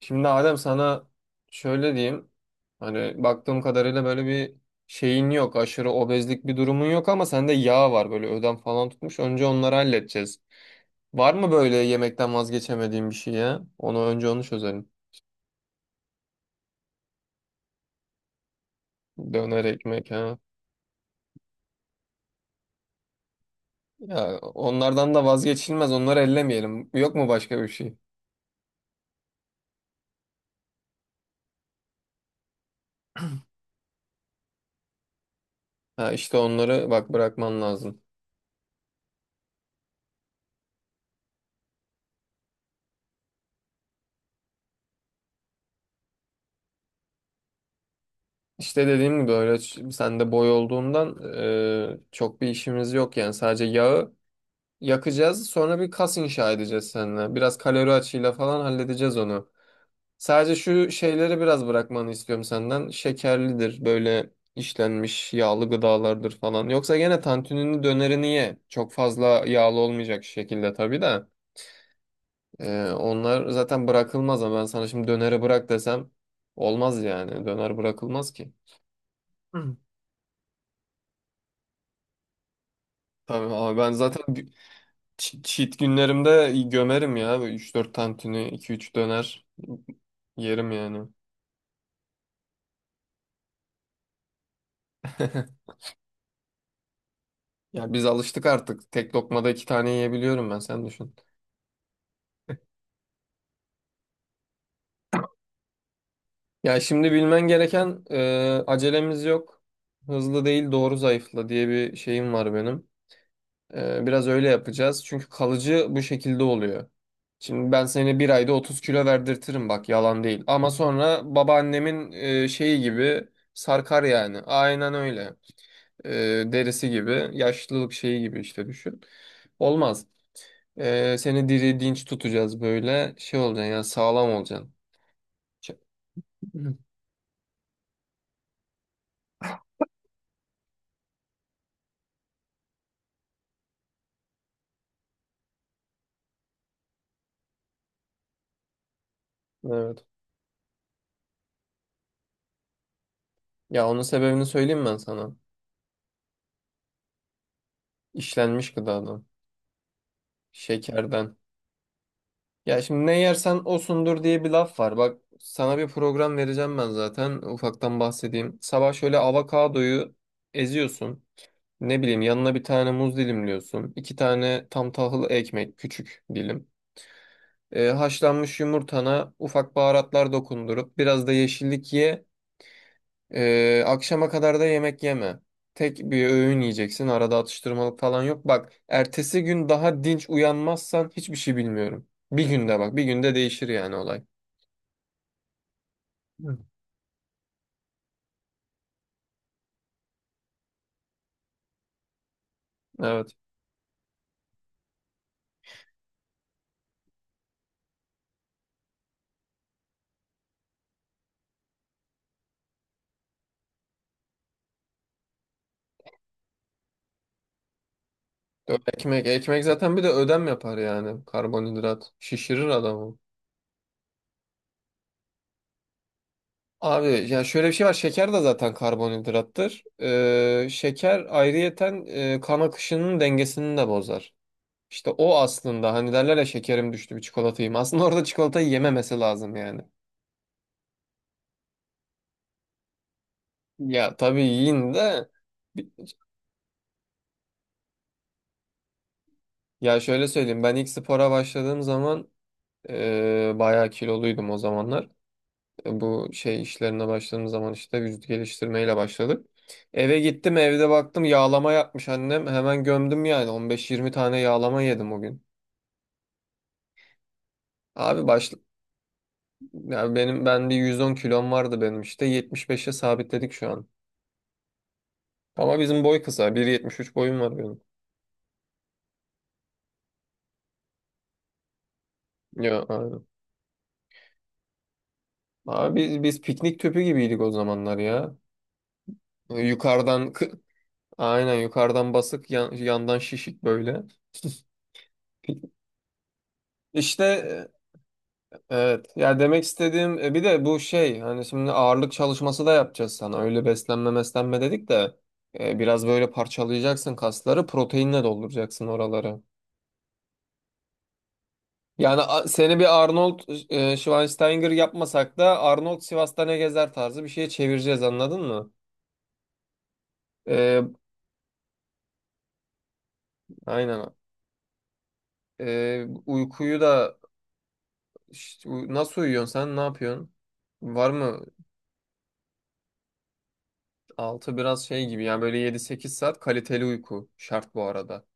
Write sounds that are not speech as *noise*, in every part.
Şimdi Adem sana şöyle diyeyim. Baktığım kadarıyla böyle bir şeyin yok. Aşırı obezlik bir durumun yok ama sende yağ var. Böyle ödem falan tutmuş. Önce onları halledeceğiz. Var mı böyle yemekten vazgeçemediğin bir şey ya? Önce onu çözelim. Döner ekmek ha. Ya onlardan da vazgeçilmez. Onları ellemeyelim. Yok mu başka bir şey? Ha işte onları bak bırakman lazım. İşte dediğim gibi öyle sen de boy olduğundan çok bir işimiz yok, yani sadece yağı yakacağız. Sonra bir kas inşa edeceğiz seninle. Biraz kalori açığıyla falan halledeceğiz onu. Sadece şu şeyleri biraz bırakmanı istiyorum senden. Şekerlidir, böyle işlenmiş yağlı gıdalardır falan. Yoksa gene tantunini, dönerini ye. Çok fazla yağlı olmayacak şekilde tabii de. Onlar zaten bırakılmaz ama ben sana şimdi döneri bırak desem olmaz yani. Döner bırakılmaz ki. Hı. Tabii abi ben zaten cheat günlerimde gömerim ya. Üç dört tantuni, iki üç döner yerim yani. *laughs* Ya biz alıştık artık. Tek lokmada iki tane yiyebiliyorum ben. Sen düşün. Ya şimdi bilmen gereken, acelemiz yok. Hızlı değil doğru zayıfla diye bir şeyim var benim. Biraz öyle yapacağız. Çünkü kalıcı bu şekilde oluyor. Şimdi ben seni bir ayda 30 kilo verdirtirim, bak yalan değil. Ama sonra babaannemin şeyi gibi sarkar yani. Aynen öyle. E, Derisi gibi, yaşlılık şeyi gibi işte, düşün. Olmaz. Seni diri dinç tutacağız böyle. Şey olacaksın yani, sağlam olacaksın. Ç- Evet. Ya onun sebebini söyleyeyim ben sana. İşlenmiş gıdadan. Şekerden. Ya şimdi ne yersen osundur diye bir laf var. Bak sana bir program vereceğim ben zaten. Ufaktan bahsedeyim. Sabah şöyle avokadoyu eziyorsun. Ne bileyim, yanına bir tane muz dilimliyorsun. İki tane tam tahıl ekmek, küçük dilim. Haşlanmış yumurtana ufak baharatlar dokundurup biraz da yeşillik ye. Akşama kadar da yemek yeme. Tek bir öğün yiyeceksin. Arada atıştırmalık falan yok. Bak, ertesi gün daha dinç uyanmazsan hiçbir şey bilmiyorum. Bir günde bak, bir günde değişir yani olay. Hı. Evet. Ekmek zaten bir de ödem yapar yani. Karbonhidrat şişirir adamı. Abi ya şöyle bir şey var. Şeker de zaten karbonhidrattır. Şeker ayrıyeten, kan akışının dengesini de bozar. İşte o aslında, hani derler ya, şekerim düştü bir çikolata yiyeyim. Aslında orada çikolatayı yememesi lazım yani. Ya tabii yiyin de bi- ya şöyle söyleyeyim, ben ilk spora başladığım zaman bayağı kiloluydum o zamanlar. Bu şey işlerine başladığım zaman, işte vücut geliştirmeyle başladık. Eve gittim, evde baktım yağlama yapmış annem, hemen gömdüm yani, 15-20 tane yağlama yedim o gün. Abi baş, ya benim, bir 110 kilom vardı benim, işte 75'e sabitledik şu an. Ama bizim boy kısa, 1,73 boyum var benim. Ya aynen. Abi biz piknik tüpü gibiydik o zamanlar ya. Yukarıdan kı- aynen, yukarıdan basık, yandan şişik böyle. *laughs* İşte evet ya, demek istediğim, bir de bu şey, hani şimdi ağırlık çalışması da yapacağız sana, öyle beslenme meslenme dedik de biraz böyle parçalayacaksın kasları, proteinle dolduracaksın oraları. Yani seni bir Arnold Schwarzenegger yapmasak da, Arnold Sivas'ta ne gezer tarzı bir şeye çevireceğiz, anladın mı? E, aynen. Uykuyu da, İşte nasıl uyuyorsun sen? Ne yapıyorsun? Var mı? Altı biraz şey gibi yani, böyle yedi sekiz saat kaliteli uyku şart bu arada.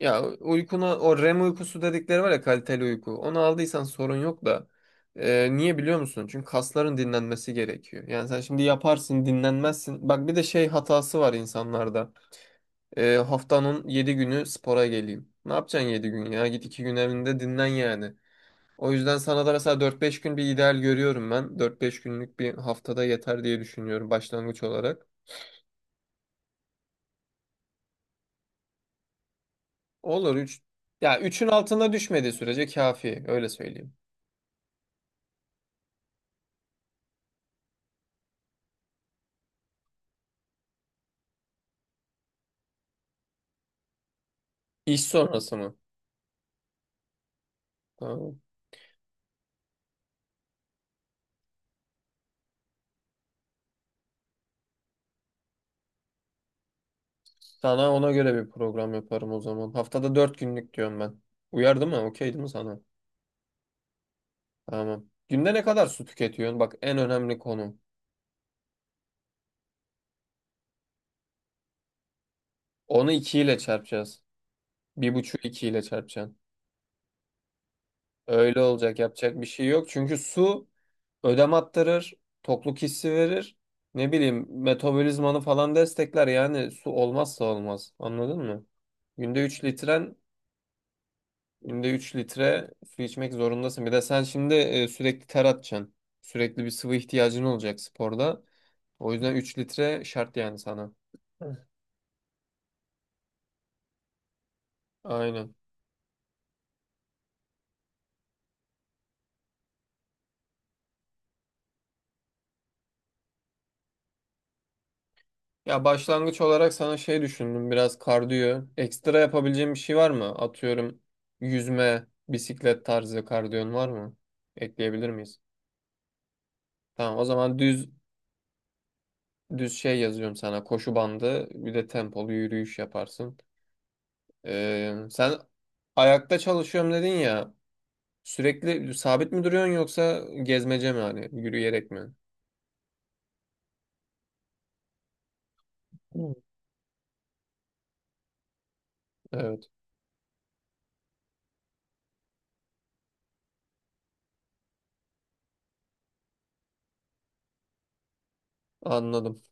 Ya uykuna, o REM uykusu dedikleri var ya, kaliteli uyku. Onu aldıysan sorun yok da. Niye biliyor musun? Çünkü kasların dinlenmesi gerekiyor. Yani sen şimdi yaparsın, dinlenmezsin. Bak bir de şey hatası var insanlarda. Haftanın 7 günü spora geleyim. Ne yapacaksın 7 gün ya? Git 2 gün evinde dinlen yani. O yüzden sana da mesela dört beş gün bir ideal görüyorum ben. Dört beş günlük, bir haftada yeter diye düşünüyorum başlangıç olarak. Olur üç. Ya üçün altına düşmediği sürece kafi, öyle söyleyeyim. İş sonrası mı? Tamam. Sana ona göre bir program yaparım o zaman. Haftada 4 günlük diyorum ben. Uyardı mı? Okey değil mi sana? Tamam. Günde ne kadar su tüketiyorsun? Bak en önemli konu. Onu 2 ile çarpacağız. 1,5 2 ile çarpacaksın. Öyle olacak, yapacak bir şey yok. Çünkü su ödem attırır, tokluk hissi verir. Ne bileyim, metabolizmanı falan destekler, yani su olmazsa olmaz. Anladın mı? Günde 3 litren, günde 3 litre su içmek zorundasın. Bir de sen şimdi sürekli ter atacaksın. Sürekli bir sıvı ihtiyacın olacak sporda. O yüzden 3 litre şart yani sana. Hı. Aynen. Ya başlangıç olarak sana şey düşündüm, biraz kardiyo. Ekstra yapabileceğim bir şey var mı? Atıyorum, yüzme, bisiklet tarzı kardiyon var mı? Ekleyebilir miyiz? Tamam, o zaman düz şey yazıyorum sana. Koşu bandı, bir de tempolu yürüyüş yaparsın. Sen ayakta çalışıyorum dedin ya. Sürekli sabit mi duruyorsun, yoksa gezmece mi, hani yürüyerek mi? Hmm. Evet, anladım.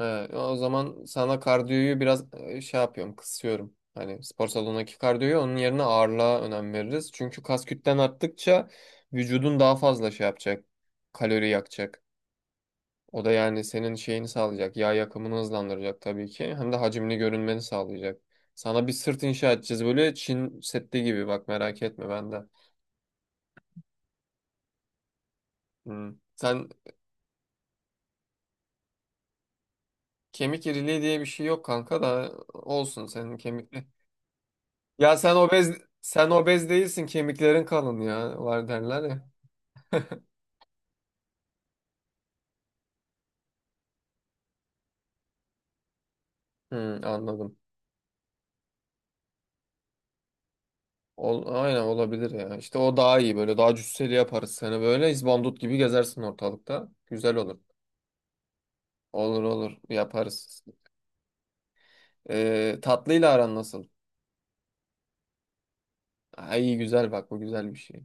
O zaman sana kardiyoyu biraz şey yapıyorum, kısıyorum. Hani spor salonundaki kardiyoyu, onun yerine ağırlığa önem veririz. Çünkü kas kütlen arttıkça vücudun daha fazla şey yapacak. Kalori yakacak. O da yani senin şeyini sağlayacak. Yağ yakımını hızlandıracak tabii ki. Hem de hacimli görünmeni sağlayacak. Sana bir sırt inşa edeceğiz böyle Çin Seddi gibi, bak merak etme ben de. Hmm. Sen kemik iriliği diye bir şey yok kanka, da olsun senin kemikli. Ya sen obez değilsin, kemiklerin kalın ya var derler ya. Hmm, anladım. Ol, aynen, olabilir ya. İşte o daha iyi, böyle daha cüsseli yaparız seni, böyle izbandut gibi gezersin ortalıkta. Güzel olur. Olur olur, yaparız. Tatlıyla aran nasıl? Ay iyi, güzel, bak bu güzel bir şey.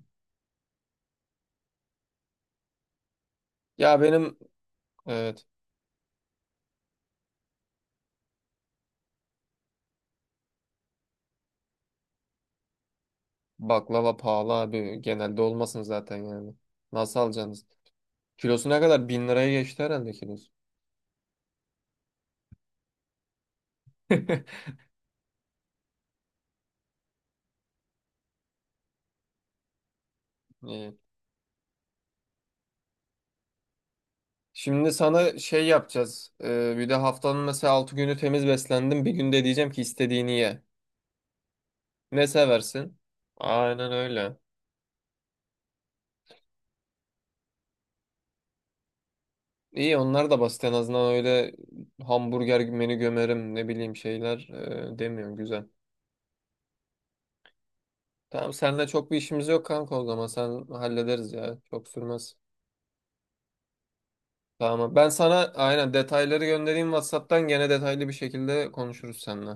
Ya benim, evet, baklava pahalı abi, genelde olmasın zaten yani. Nasıl alacaksınız? Kilosu ne kadar? Bin liraya geçti herhalde kilosu. *laughs* İyi. Şimdi sana şey yapacağız. Bir de haftanın mesela 6 günü temiz beslendim. Bir günde diyeceğim ki istediğini ye. Ne seversin? Aynen öyle. İyi, onlar da basit en azından, öyle hamburger menü gömerim ne bileyim şeyler, demiyorum, güzel. Tamam, seninle çok bir işimiz yok kanka, o zaman sen hallederiz ya. Çok sürmez. Tamam, ben sana aynen detayları göndereyim WhatsApp'tan, gene detaylı bir şekilde konuşuruz seninle.